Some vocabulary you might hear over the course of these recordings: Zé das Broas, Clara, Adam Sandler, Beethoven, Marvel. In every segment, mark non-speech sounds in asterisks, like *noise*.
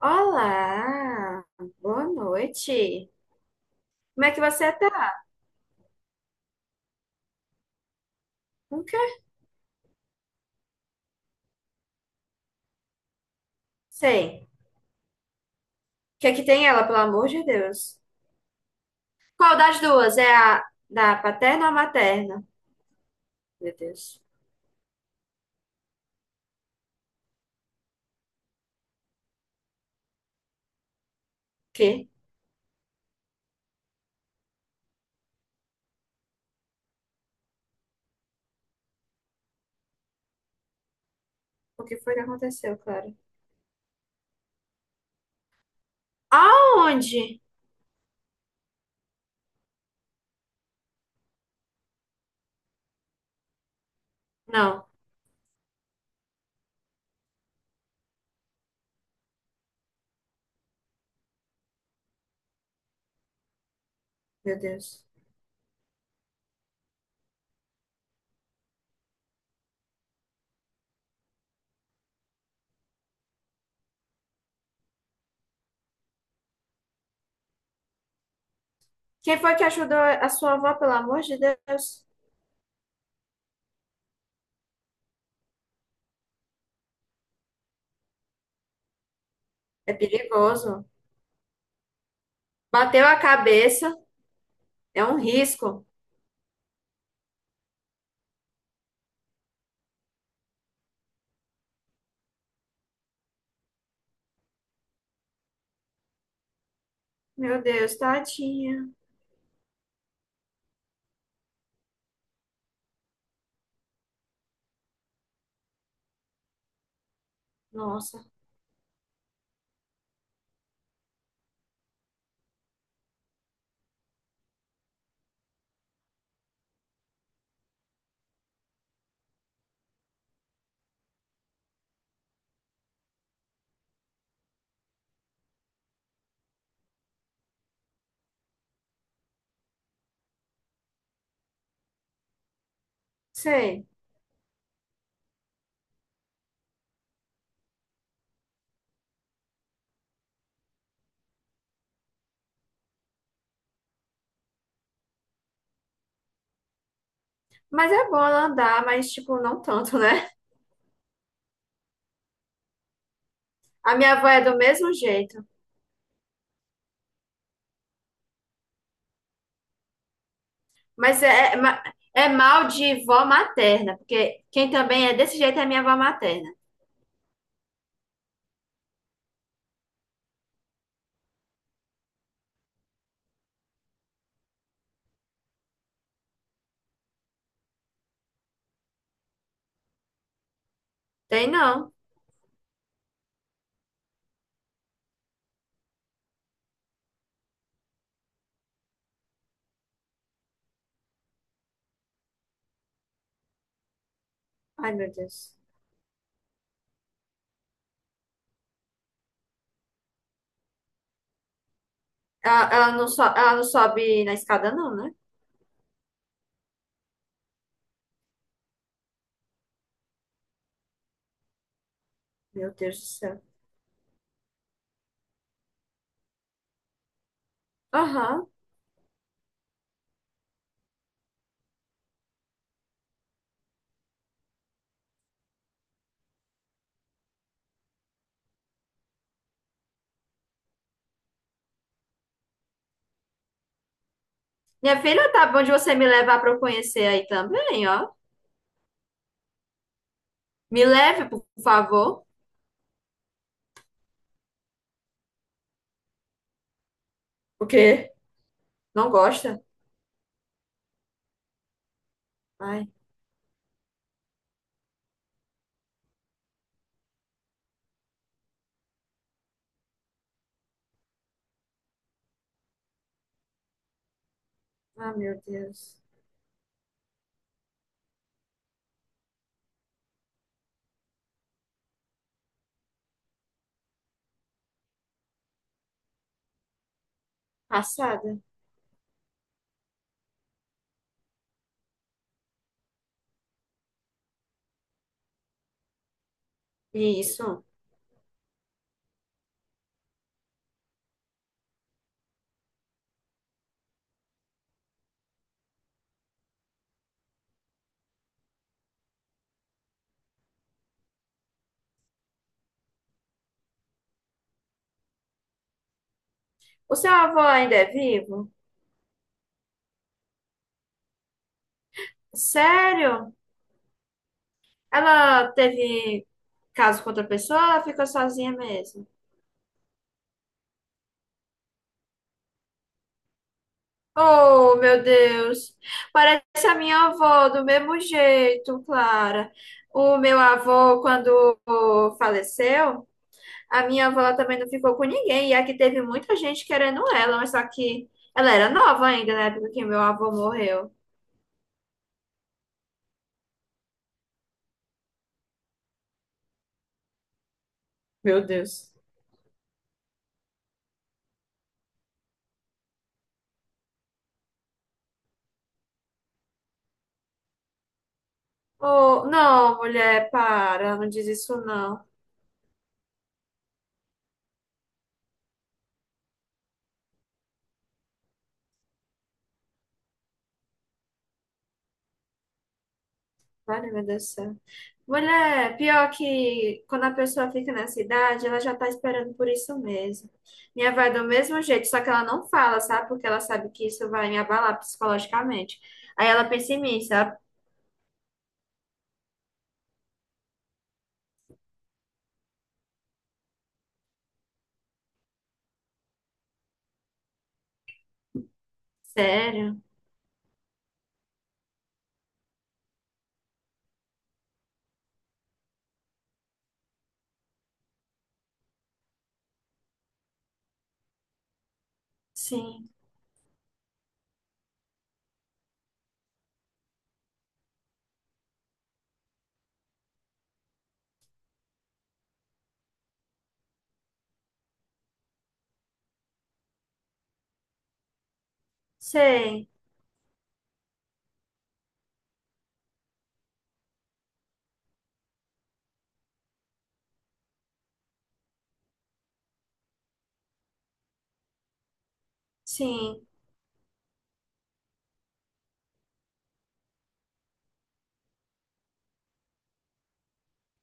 Olá, boa noite. Como é que você tá? Nunca sei. O que é que tem ela, pelo amor de Deus? Qual das duas? É a da paterna ou materna? Meu Deus. Que? O que foi que aconteceu, Clara? Aonde? Não, meu Deus. Quem foi que ajudou a sua avó, pelo amor de Deus? É perigoso. Bateu a cabeça, é um risco. Meu Deus, tadinha. Nossa, sei. Mas é bom ela andar, mas tipo, não tanto, né? A minha avó é do mesmo jeito, mas é, é, ma- é mal de vó materna, porque quem também é desse jeito é minha avó materna. Tem não. Ai, meu Deus. Ela não, ela não sobe na escada, não, né? Meu Deus do céu. Aham. Minha filha, tá bom de você me levar para eu conhecer aí também, ó. Me leve, por favor. O quê? Não gosta? Ai, ah, meu Deus. Passada. Isso. O seu avô ainda é vivo? Sério? Ela teve caso com outra pessoa, ou ela ficou sozinha mesmo. Oh, meu Deus. Parece a minha avó do mesmo jeito, Clara. O meu avô, quando faleceu, a minha avó ela também não ficou com ninguém. E aqui teve muita gente querendo ela, mas só que ela era nova ainda na época que meu avô morreu. Meu Deus. Oh, não, mulher, para, não diz isso não. Vale, meu Deus do céu. Mulher, pior que quando a pessoa fica na cidade, ela já tá esperando por isso mesmo. Minha avó é do mesmo jeito, só que ela não fala, sabe? Porque ela sabe que isso vai me abalar psicologicamente. Aí ela pensa em mim, sabe? Sério? Sim. Sei. Sim.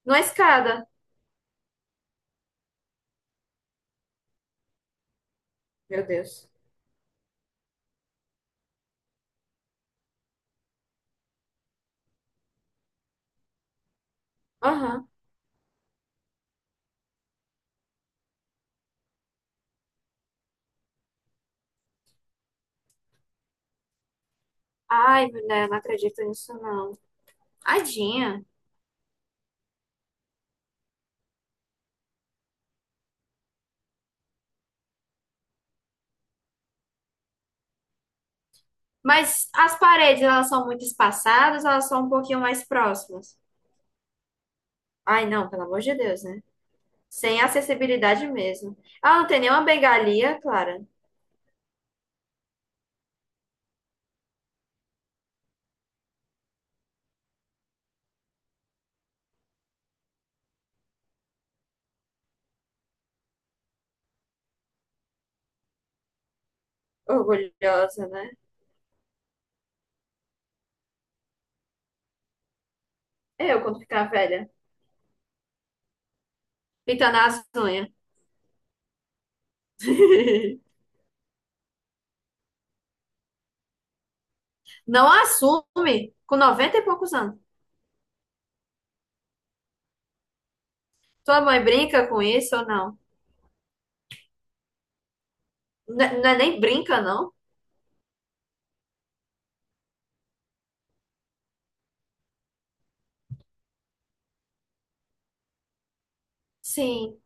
Numa escada. Meu Deus. Aham. Ai, mulher, não acredito nisso, não. Tadinha. Mas as paredes, elas são muito espaçadas, ou elas são um pouquinho mais próximas. Ai, não, pelo amor de Deus, né? Sem acessibilidade mesmo. Ah, não tem nenhuma bengalinha, Clara. Orgulhosa, né? Eu, quando ficar velha, pintando as unhas. *laughs* Não assume com 90 e poucos anos. Tua mãe brinca com isso ou não? N- Não é nem brinca, não? Sim.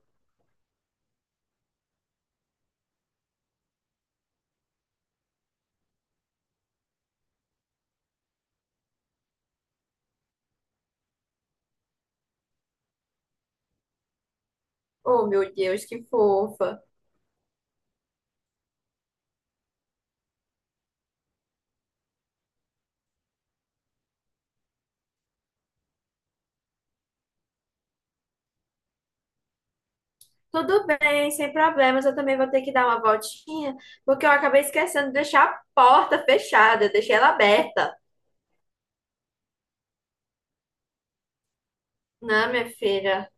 Oh, meu Deus, que fofa. Tudo bem, sem problemas. Eu também vou ter que dar uma voltinha, porque eu acabei esquecendo de deixar a porta fechada. Eu deixei ela aberta. Não, minha filha.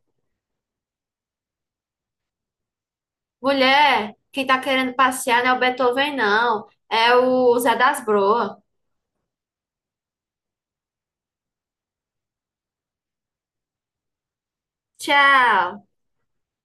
Mulher, quem tá querendo passear não é o Beethoven, não. É o Zé das Broas. Tchau.